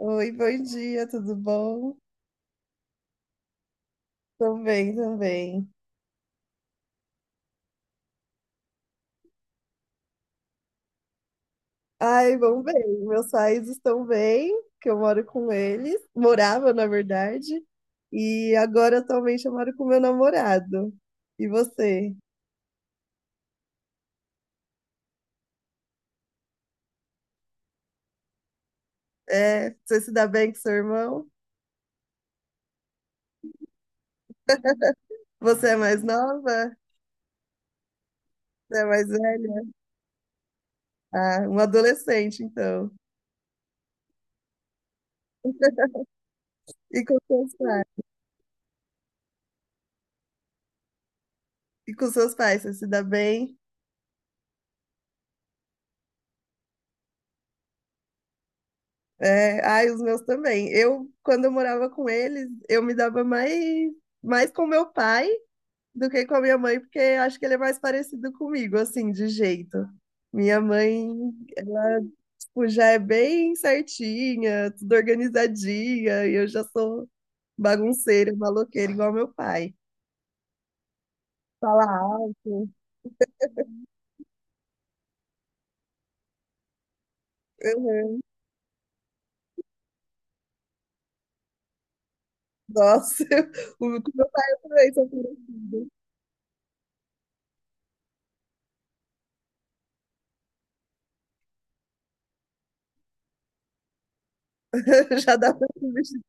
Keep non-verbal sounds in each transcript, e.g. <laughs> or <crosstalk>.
Oi, bom dia, tudo bom? Também, também. Ai, vão bem, meus pais estão bem, que eu moro com eles, morava, na verdade, e agora atualmente eu moro com meu namorado. E você? É, você se dá bem com seu irmão? Você é mais nova? Você é mais velha? Ah, um adolescente, então. <laughs> E com seus pais? E com seus pais, você se dá bem? É, ai, os meus também. Eu, quando eu morava com eles, eu me dava mais com meu pai do que com a minha mãe, porque acho que ele é mais parecido comigo, assim, de jeito. Minha mãe, ela, tipo, já é bem certinha, tudo organizadinha, e eu já sou bagunceira, maloqueira, igual meu pai. Fala alto. Uhum. Nossa, <laughs> o com meu pai eu também sou parecida. <laughs> Já dá pra se vestir,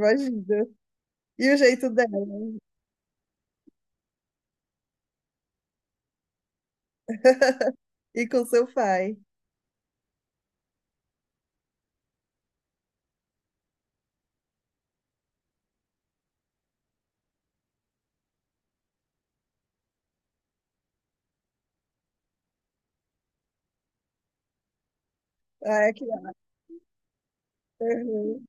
imagina. E o jeito dela. <laughs> E com seu pai. Ai, que. Uhum.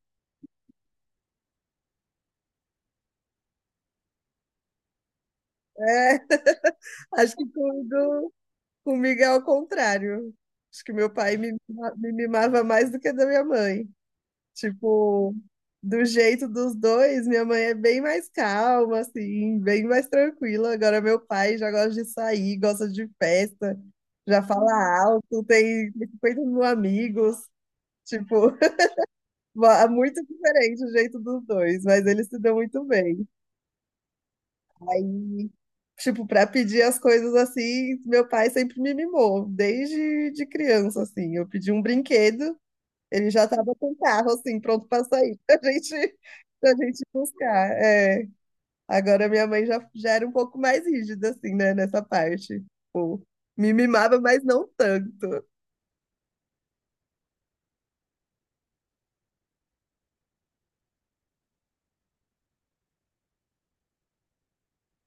É, <laughs> acho que comigo, comigo é ao contrário. Acho que meu pai me mimava mais do que da minha mãe. Tipo, do jeito dos dois, minha mãe é bem mais calma, assim, bem mais tranquila. Agora meu pai já gosta de sair, gosta de festa, já fala alto, tem 50 mil amigos. Tipo, <laughs> é muito diferente o jeito dos dois, mas eles se dão muito bem. Aí, tipo, para pedir as coisas assim, meu pai sempre me mimou, desde de criança, assim. Eu pedi um brinquedo, ele já estava com o carro, assim, pronto para sair, <laughs> pra gente buscar. É. Agora minha mãe já era um pouco mais rígida, assim, né, nessa parte. Tipo, me mimava, mas não tanto.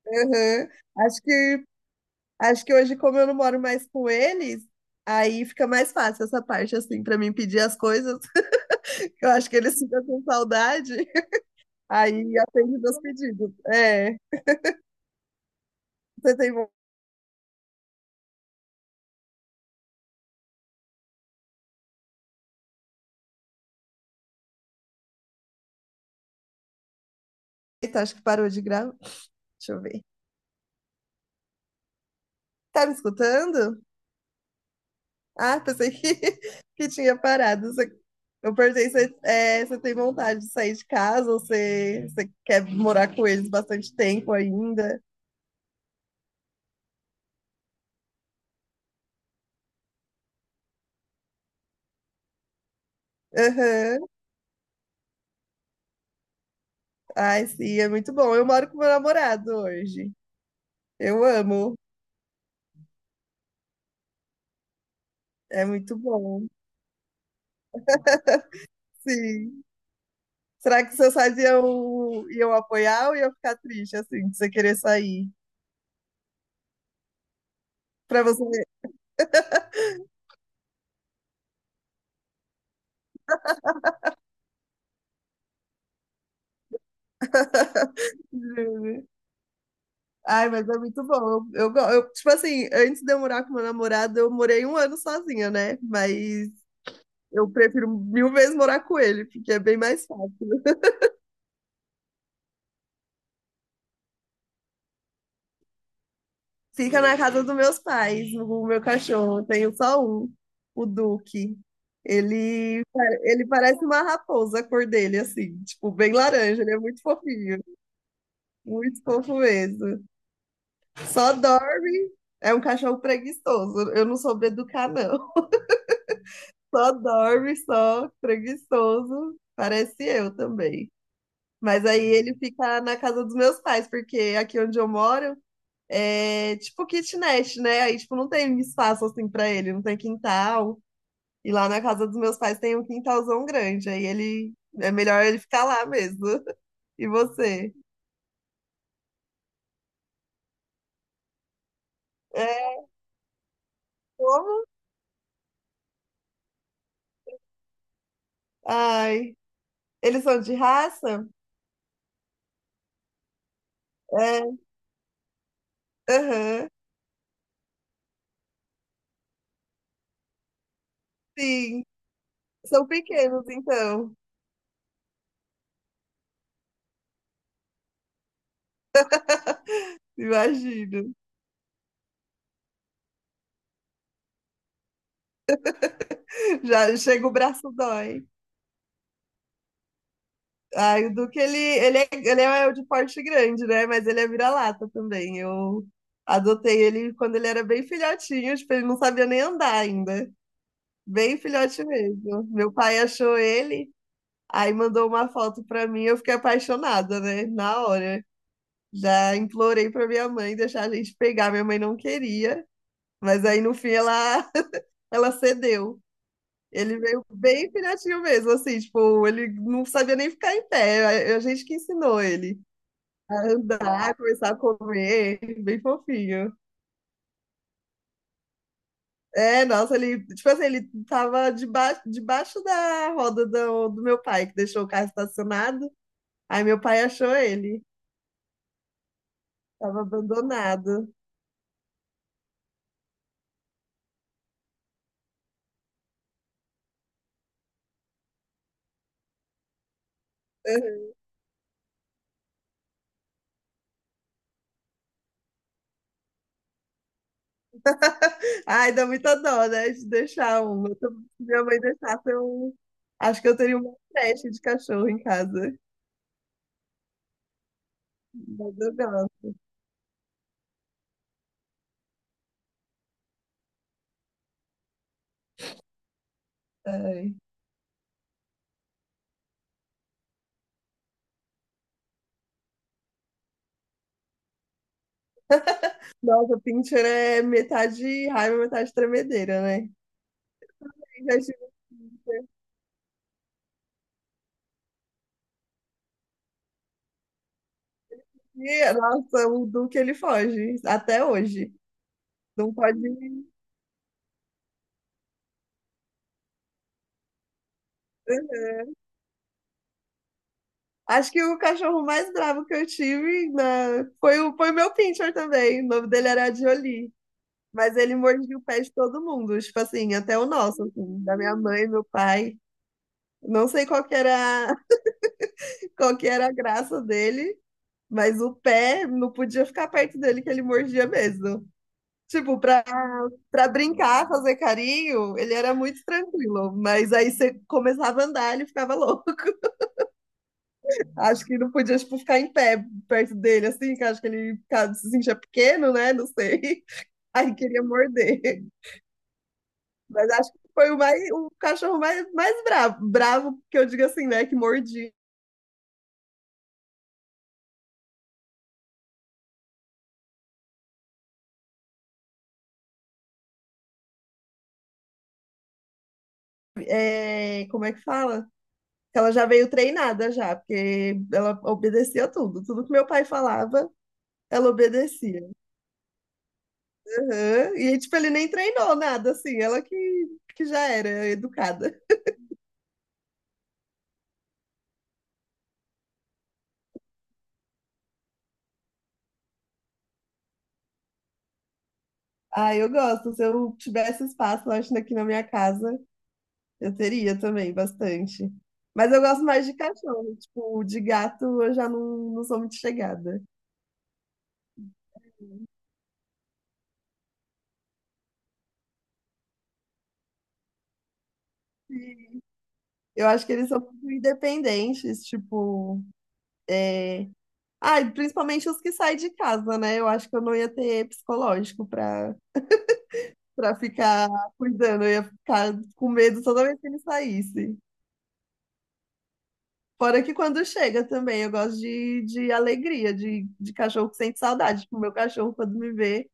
Aham. Acho que, acho que hoje, como eu não moro mais com eles, aí fica mais fácil essa parte, assim, para mim pedir as coisas. <laughs> Eu acho que eles ficam com saudade. Aí atende meus pedidos. É. Você tem. vo- Eita, acho que parou de gravar. Deixa eu ver. Tá me escutando? Ah, pensei que, <laughs> que tinha parado. Você... Eu perguntei se é, você tem vontade de sair de casa ou você quer morar com eles bastante tempo ainda. Aham. Ai, sim, é muito bom. Eu moro com meu namorado hoje. Eu amo. É muito bom. Sim. Será que seus pais iam apoiar ou iam ficar triste assim, de você querer sair? Pra você. Ai, mas é muito bom. Eu, tipo assim, antes de eu morar com meu namorado, eu morei um ano sozinha, né? Mas eu prefiro mil vezes morar com ele, porque é bem mais fácil. Fica na casa dos meus pais, o meu cachorro. Eu tenho só um, o Duque. Ele parece uma raposa, a cor dele, assim, tipo, bem laranja. Ele é muito fofinho, muito fofo mesmo. Só dorme. É um cachorro preguiçoso. Eu não soube educar, não. Só dorme, só preguiçoso. Parece eu também. Mas aí ele fica na casa dos meus pais, porque aqui onde eu moro é tipo kitnet, né? Aí, tipo, não tem espaço assim pra ele, não tem quintal. E lá na casa dos meus pais tem um quintalzão grande. Aí ele é melhor ele ficar lá mesmo. <laughs> E você? É, como? Ai, eles são de raça? É, aham, sim. São pequenos, então. <laughs> Imagino. <laughs> Já chega o braço dói. Ai, o Duque, ele é de porte grande, né? Mas ele é vira-lata também. Eu adotei ele quando ele era bem filhotinho, tipo, ele não sabia nem andar ainda. Bem filhote mesmo. Meu pai achou ele, aí mandou uma foto pra mim, eu fiquei apaixonada, né? Na hora. Já implorei pra minha mãe deixar a gente pegar, minha mãe não queria, mas aí no fim ela, <laughs> ela cedeu. Ele veio bem filhotinho mesmo, assim, tipo, ele não sabia nem ficar em pé. A gente que ensinou ele a andar, começar a comer, bem fofinho. É, nossa, ele, tipo assim, ele tava debaixo da roda do meu pai, que deixou o carro estacionado. Aí meu pai achou ele, tava abandonado. <laughs> Ai, dá muita dó, né, de deixar um. Se minha mãe deixasse, eu acho que eu teria uma creche de cachorro em casa. Mas eu gosto. Nossa, Pinter é metade raiva, metade tremedeira, né? Eu já estive em Pinscher. E, nossa, o Duque ele foge, até hoje. Não pode. Acho que o cachorro mais bravo que eu tive na... foi o meu Pinscher também. O nome dele era Jolie. Mas ele mordia o pé de todo mundo, tipo assim, até o nosso, assim, da minha mãe, meu pai. Não sei qual que era, <laughs> qual que era a graça dele, mas o pé não podia ficar perto dele, que ele mordia mesmo. Tipo, pra para brincar, fazer carinho, ele era muito tranquilo. Mas aí você começava a andar, ele ficava louco. <laughs> Acho que não podia, tipo, ficar em pé perto dele, assim, que acho que ele ficava, se sentia pequeno, né? Não sei. <laughs> Aí queria morder. Mas acho que foi o cachorro mais bravo. Bravo, que eu digo assim, né? Que mordi. É, como é que fala? Que ela já veio treinada já, porque ela obedecia tudo. Tudo que meu pai falava, ela obedecia. Aham. E, tipo, ele nem treinou nada, assim, que já era educada. Ah, eu gosto. Se eu tivesse espaço, eu acho, aqui na minha casa, eu teria também bastante. Mas eu gosto mais de cachorro, tipo, de gato eu já não, não sou muito chegada. Sim. Eu acho que eles são muito independentes, tipo, é... Ah, e principalmente os que saem de casa, né? Eu acho que eu não ia ter psicológico pra ficar cuidando, eu ia ficar com medo toda vez que ele saísse. Fora que quando chega também, eu gosto de alegria, de cachorro que sente saudade. Tipo, meu cachorro, quando me vê,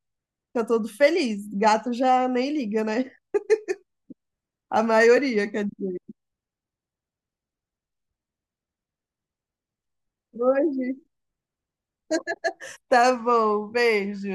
fica todo feliz. Gato já nem liga, né? A maioria, quer dizer. Hoje, tá bom, beijo.